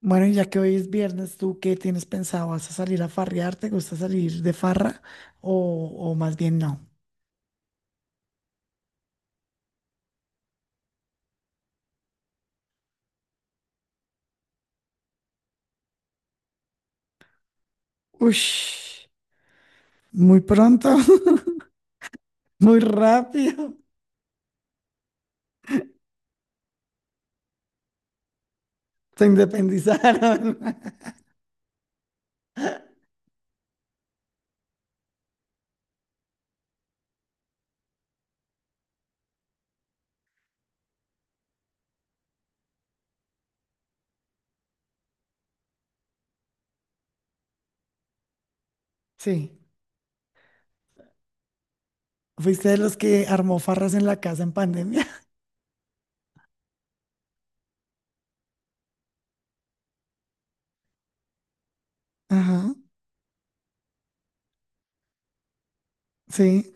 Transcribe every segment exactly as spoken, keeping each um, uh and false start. Bueno, y ya que hoy es viernes, ¿tú qué tienes pensado? ¿Vas a salir a farrear? ¿Te gusta salir de farra? ¿O, o más bien no? Ush, muy pronto, muy rápido. Se independizaron. Sí. ¿Fuiste de los que armó farras en la casa en pandemia? Ajá. Sí.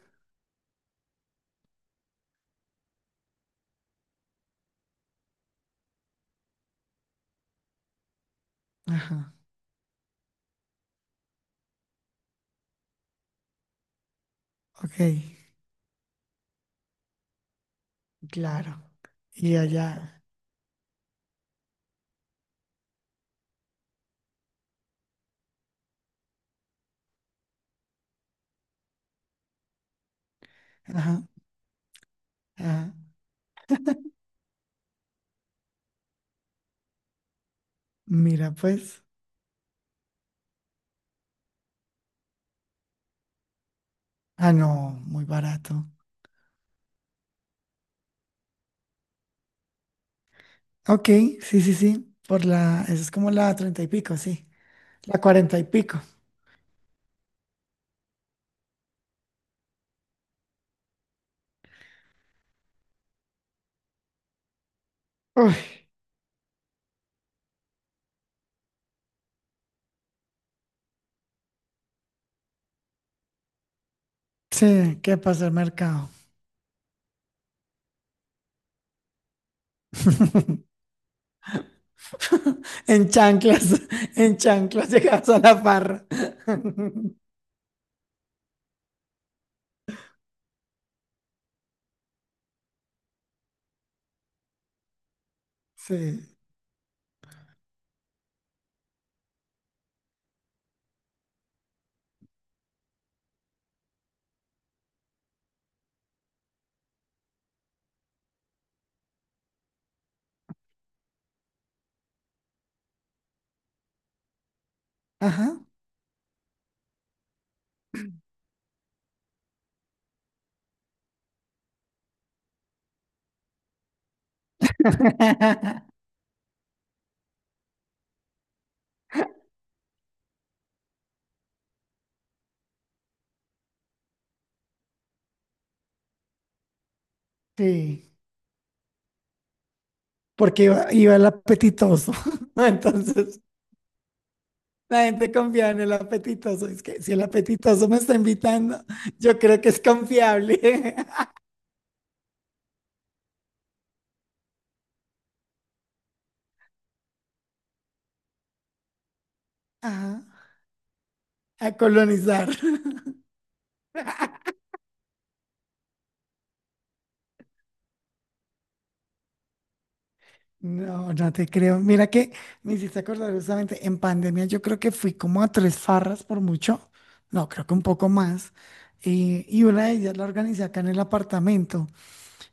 Ajá. Ok. Claro. Y allá. Ajá. Ajá. Mira, pues. Ah, no, muy barato. Ok, sí, sí, sí. Por la, eso es como la treinta y pico, sí. La cuarenta y pico. Uy, sí, ¿qué pasa el mercado? En chanclas, en chanclas llegas a la farra. Sí. Ajá. Sí. Porque iba, iba el apetitoso. Entonces, la gente confía en el apetitoso. Es que si el apetitoso me está invitando, yo creo que es confiable. Ajá. A colonizar. No, no te creo. Mira que me hiciste acordar justamente en pandemia, yo creo que fui como a tres farras por mucho, no, creo que un poco más. Y y una de ellas la organicé acá en el apartamento,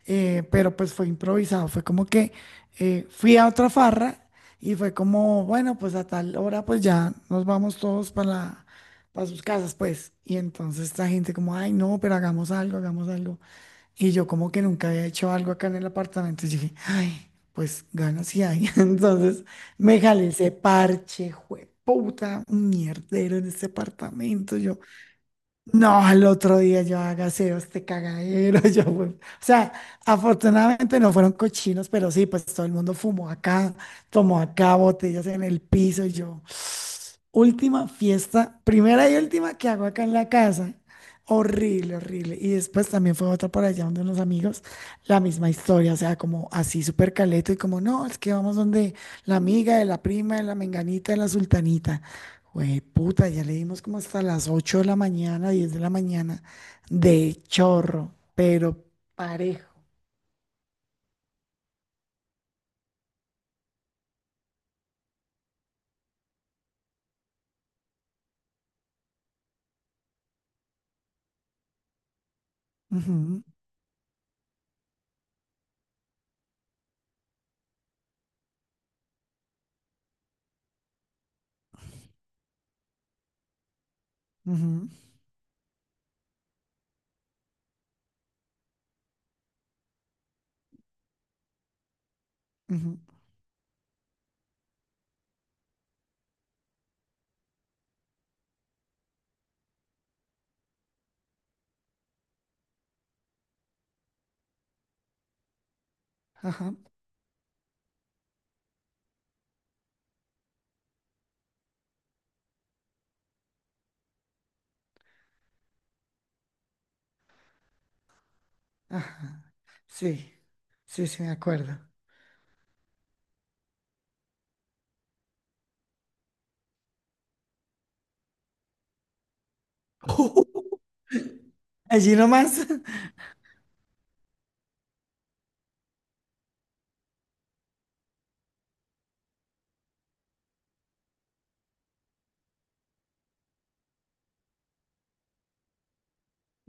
eh, pero pues fue improvisado, fue como que eh, fui a otra farra y fue como, bueno, pues a tal hora pues ya nos vamos todos para la- para sus casas, pues. Y entonces esta gente como, ay, no, pero hagamos algo, hagamos algo. Y yo como que nunca había hecho algo acá en el apartamento. Y dije, ay, pues ganas y hay. Entonces me jalé ese parche, jueputa, un mierdero en este apartamento. Yo, no, al otro día yo hágase este cagadero. Yo, pues, o sea, afortunadamente no fueron cochinos, pero sí, pues todo el mundo fumó acá, tomó acá botellas en el piso. Y yo, última fiesta, primera y última que hago acá en la casa. Horrible, horrible. Y después también fue otra por allá donde unos amigos, la misma historia, o sea, como así súper caleto y como, no, es que vamos donde la amiga de la prima, de la menganita, de la sultanita. Güey, puta, ya le dimos como hasta las ocho de la mañana, diez de la mañana, de chorro, pero parejo. Ujú, ujú, ujú. Ajá, ajá. Sí, sí, sí, me acuerdo. Allí nomás.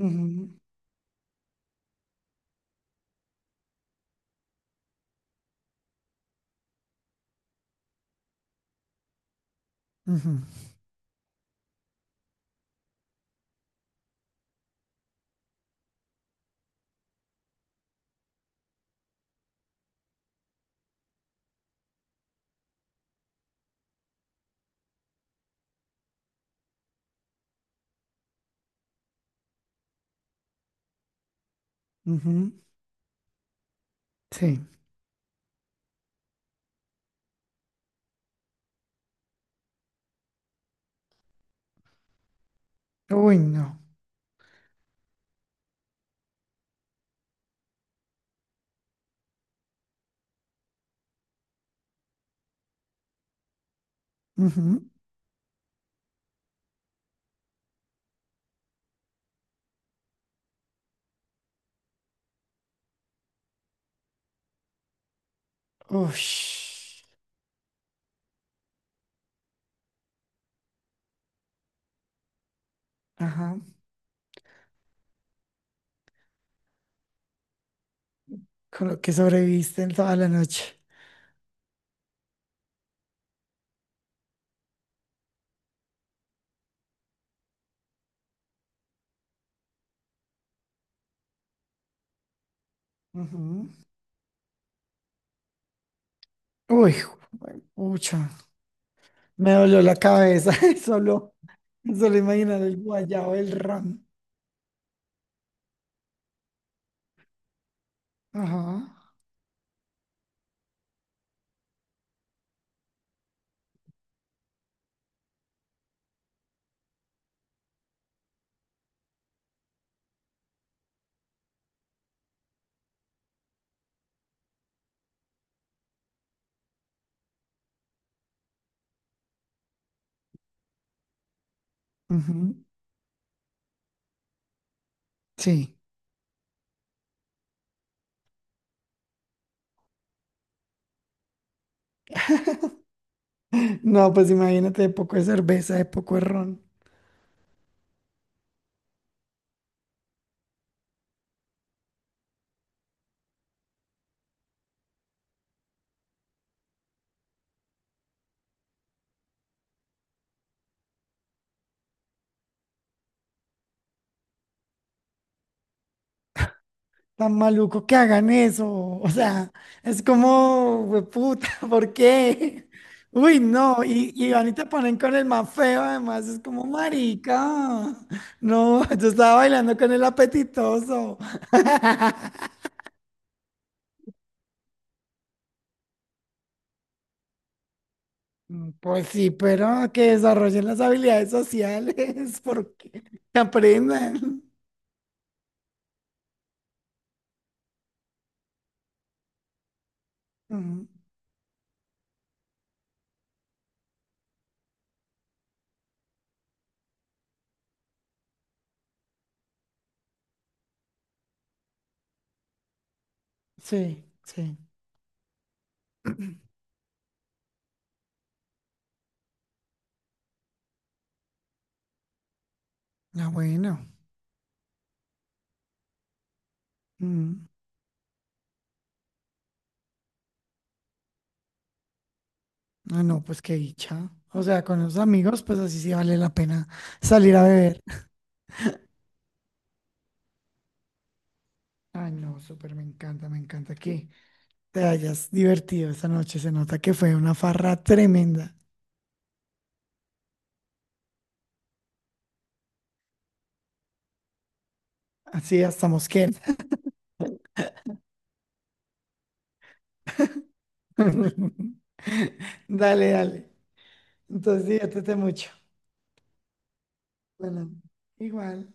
Ujú, ujú, ujú. Sí. Uy, no. Ujú. Ush. Ajá. Con lo que sobreviviste en toda la noche. Ujú. Uy, jue- pucha. Me dolió la cabeza. Solo, solo imaginar el guayabo, el ron. Ajá. Ujú. Sí. No, pues imagínate de poco de cerveza, de poco de ron. Tan maluco que hagan eso. O sea, es como, puta, ¿por qué? Uy, no, y, y van y te ponen con el más feo, además, es como marica. No, yo estaba bailando con el apetitoso. Mm, Pues sí, pero que desarrollen las habilidades sociales, porque que aprendan. Mm. Sí, sí. Ah, bueno. Mm. Ah, no, pues qué dicha. O sea, con los amigos, pues así sí vale la pena salir a beber. Ay, no, súper, me encanta, me encanta que te hayas divertido esta noche. Se nota que fue una farra tremenda. Así hasta Mosquera. Dale, dale. Entonces, diviértete mucho. Bueno, igual.